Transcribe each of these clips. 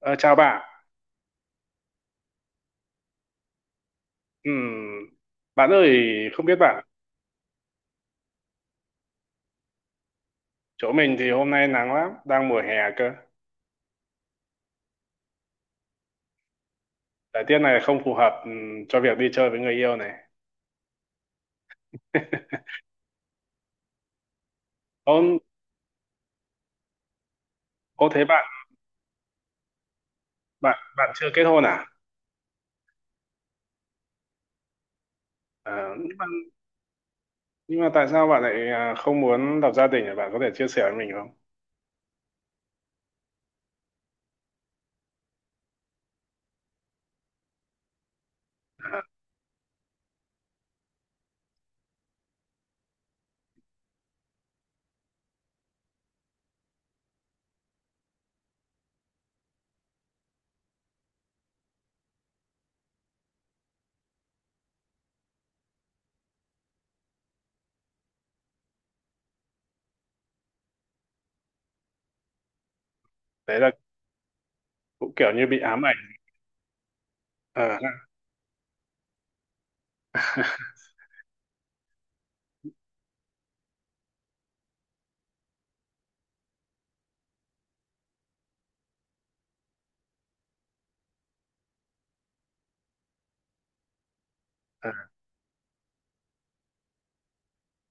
Ờ, Chào bạn. Ừm, Bạn ơi, không biết bạn, chỗ mình thì hôm nay nắng lắm, đang mùa hè cơ. Thời tiết này không phù hợp cho việc đi chơi với người yêu này. Ô, ô, bạn bạn chưa kết hôn à? Ờ, nhưng mà, nhưng mà tại sao bạn lại không muốn lập gia đình? Bạn có thể chia sẻ với mình không? Đấy là cũng kiểu như bị ám ảnh. Ờ,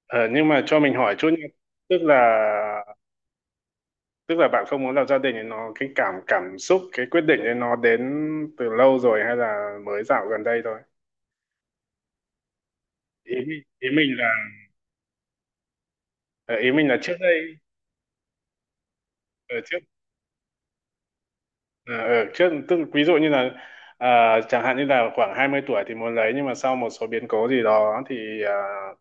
ờ, nhưng mà cho mình hỏi chút nha. Tức là tức là bạn không muốn lập gia đình ấy, nó cái cảm cảm xúc, cái quyết định ấy nó đến từ lâu rồi hay là mới dạo gần đây thôi? Ý ý mình là ờ, ý mình là trước đây. Ở trước ở trước tức là ví dụ như là chẳng hạn như là khoảng 20 tuổi thì muốn lấy, nhưng mà sau một số biến cố gì đó thì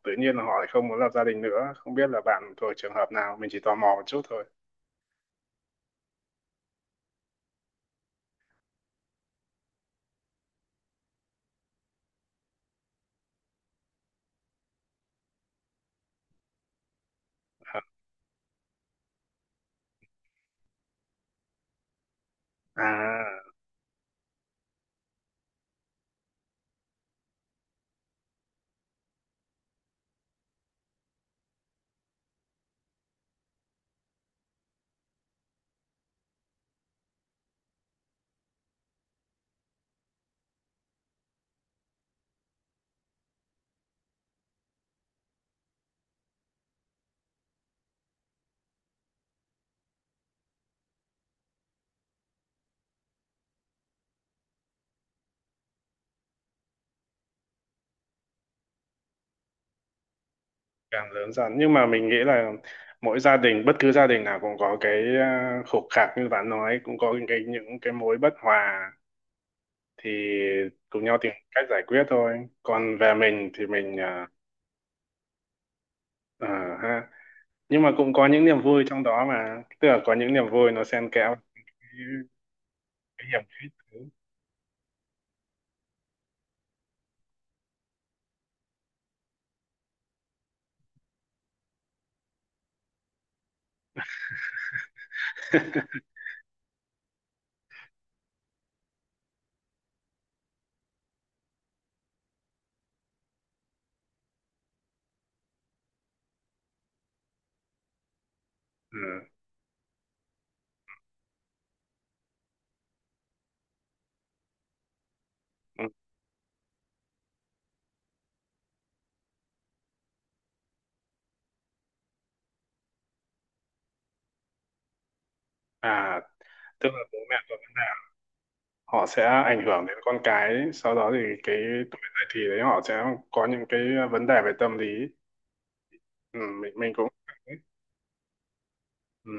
tự nhiên là họ lại không muốn lập gia đình nữa. Không biết là bạn thuộc trường hợp nào, mình chỉ tò mò một chút thôi. à à Càng lớn dần, nhưng mà mình nghĩ là mỗi gia đình, bất cứ gia đình nào cũng có cái khục khạc như bạn nói, cũng có những cái, mối bất hòa, thì cùng nhau tìm cách giải quyết thôi. Còn về mình thì mình à, à, ha nhưng mà cũng có những niềm vui trong đó mà, tức là có những niềm vui nó xen kẽ cái hiểm khích. Ừ. Ừ. À, tức là bố mẹ của bạn họ sẽ ảnh hưởng đến con cái, sau đó thì cái tuổi dậy thì đấy họ sẽ có những cái vấn đề về tâm lý. Ừ, mình cũng. Ừ.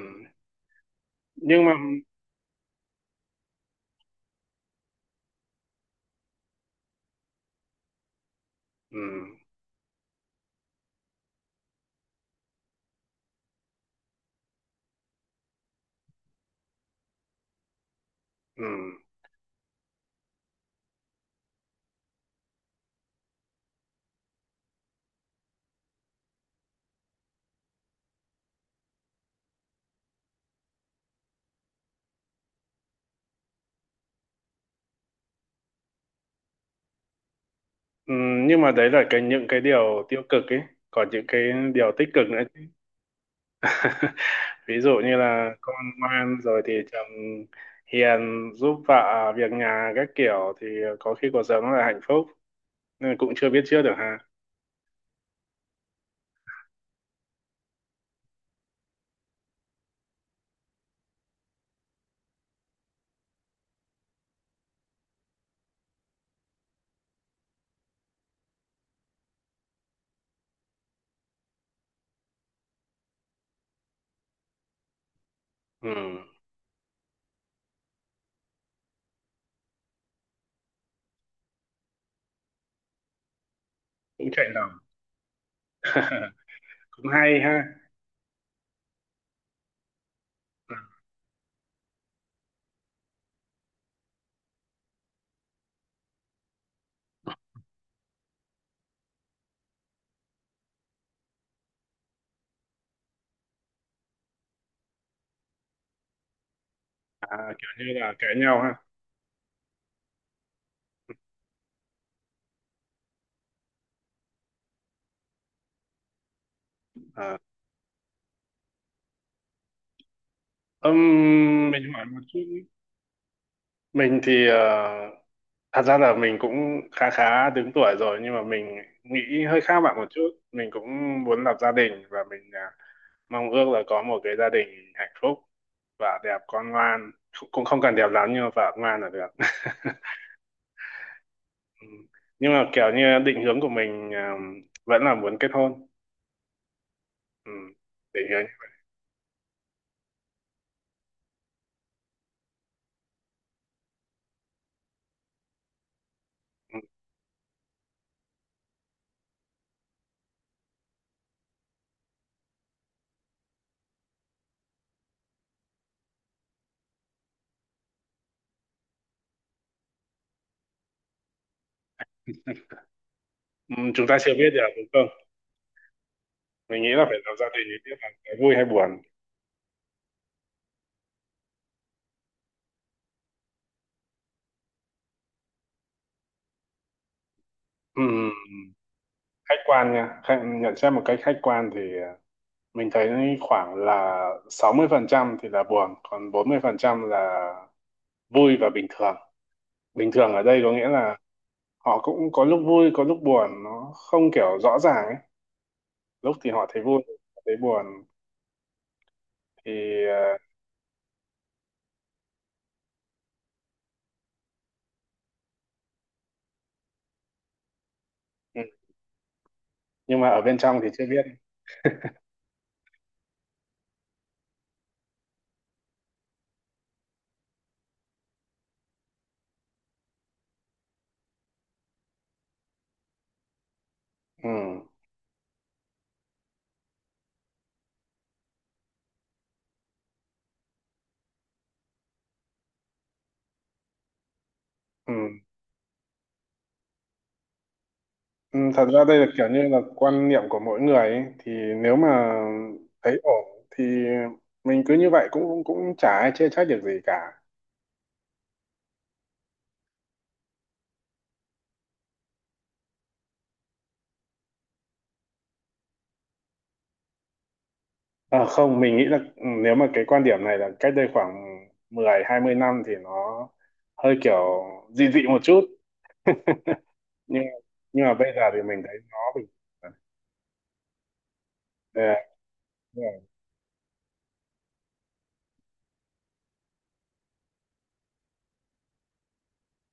nhưng mà ừ, ừ, ừ, nhưng mà đấy là cái những cái điều tiêu cực ấy, còn những cái điều tích cực nữa chứ. Ví dụ như là con ngoan rồi thì chồng hiền, giúp vợ việc nhà các kiểu thì có khi cuộc sống là hạnh phúc, nên cũng chưa biết trước được ha. Ừ, cũng chạy lòng. Cũng hay ha. Kiểu như là cãi nhau ha. à, mình hỏi một chút. Mình thì thật ra là mình cũng khá khá đứng tuổi rồi, nhưng mà mình nghĩ hơi khác bạn một chút. Mình cũng muốn lập gia đình, và mình mong ước là có một cái gia đình hạnh phúc, vợ đẹp, con ngoan, cũng không cần đẹp lắm nhưng mà vợ ngoan là được. Ừ. Nhưng mà kiểu như định hướng của mình vẫn là muốn kết hôn. Ừ. Định hướng. Ừ. Ừ, chúng ta chưa biết được đúng không? Mình nghĩ là phải lập gia đình thì biết là cái vui hay buồn. Ừ, ừ, ừ. Khách quan nha, nhận xét một cách khách quan thì mình thấy khoảng là 60% thì là buồn, còn 40% là vui và bình thường. Bình thường ở đây có nghĩa là họ cũng có lúc vui có lúc buồn, nó không kiểu rõ ràng ấy, lúc thì họ thấy vui, lúc thấy buồn thì ờ, ừ. Nhưng mà ở bên trong thì chưa biết. Ừ. Ừ, Ừ, thật ra đây là kiểu như là quan niệm của mỗi người ấy. Thì nếu mà thấy ổn thì mình cứ như vậy, cũng cũng cũng chả ai chê trách được gì cả. À, không, mình nghĩ là nếu mà cái quan điểm này là cách đây khoảng 10-20 năm thì nó hơi kiểu dị dị một chút. Nhưng nhưng mà bây giờ thì mình thấy nó bình thường. Ừ, đúng rồi.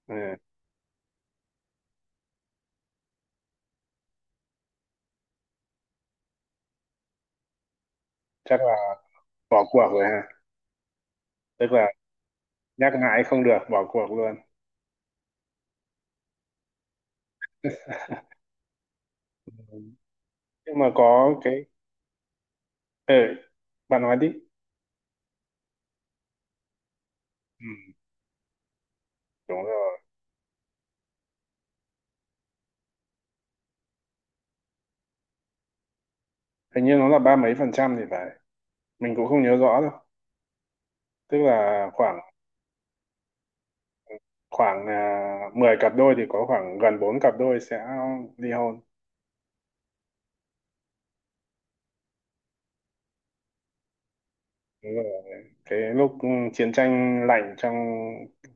Ừ, chắc là bỏ cuộc rồi ha. Tức là nhắc mãi không được, bỏ cuộc luôn. Ừ. Nhưng mà có cái, ừ, bạn nói đi. Ừ, đúng rồi, hình như nó là ba mấy phần trăm thì phải, mình cũng không nhớ rõ đâu. Tức là khoảng khoảng là 10 cặp đôi thì có khoảng gần 4 cặp đôi sẽ ly hôn. Đúng rồi. Cái lúc chiến tranh lạnh trong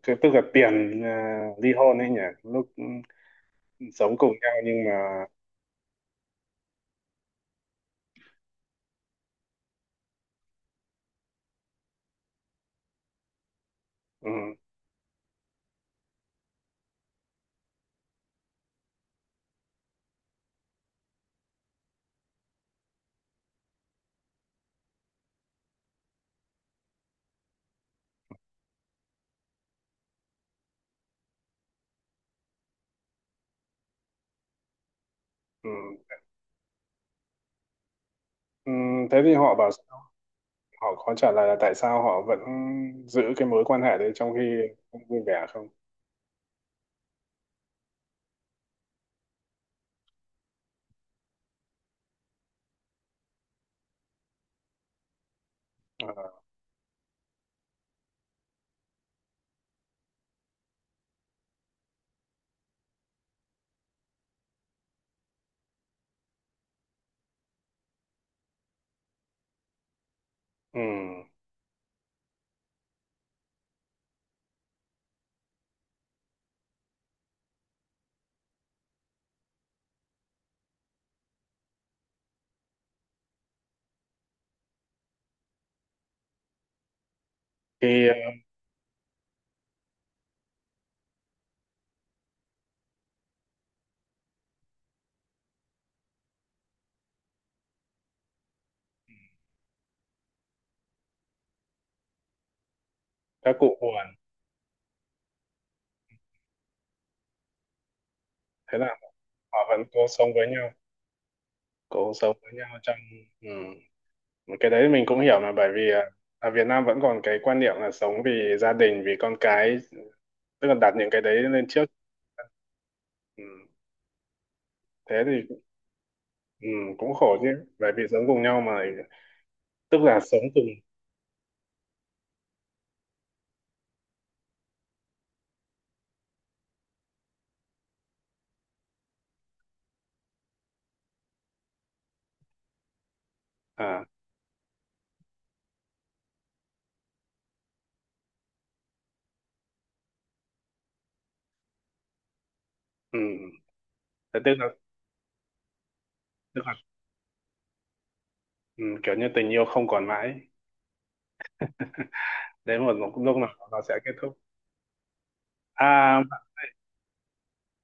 tức là tiền ly hôn ấy nhỉ, lúc sống cùng nhau nhưng mà. ừ, ừ, ừ, Thế thì họ bảo sao? Họ có trả lời là tại sao họ vẫn giữ cái mối quan hệ đấy trong khi không vui vẻ không? Ờ, ừ. Khi các cụ buồn thế nào? Họ vẫn cố sống với nhau, cố sống với nhau trong. Ừ, cái đấy mình cũng hiểu mà, bởi vì ở Việt Nam vẫn còn cái quan niệm là sống vì gia đình, vì con cái, tức là đặt những cái đấy lên trước. Ừ. Thế thì ừ, cũng khổ chứ, bởi vì sống cùng nhau mà, tức là sống cùng. à ừ. Thế tức là, tức là ừ, kiểu như tình yêu không còn mãi, đến một lúc, lúc nào nó sẽ kết thúc. à,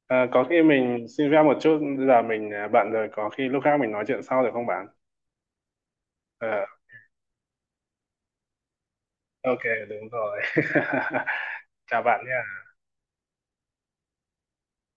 có khi mình xin phép một chút, giờ mình bận rồi, có khi lúc khác mình nói chuyện sau được không bạn? Ờ, ok, đúng rồi. Chào bạn nhé.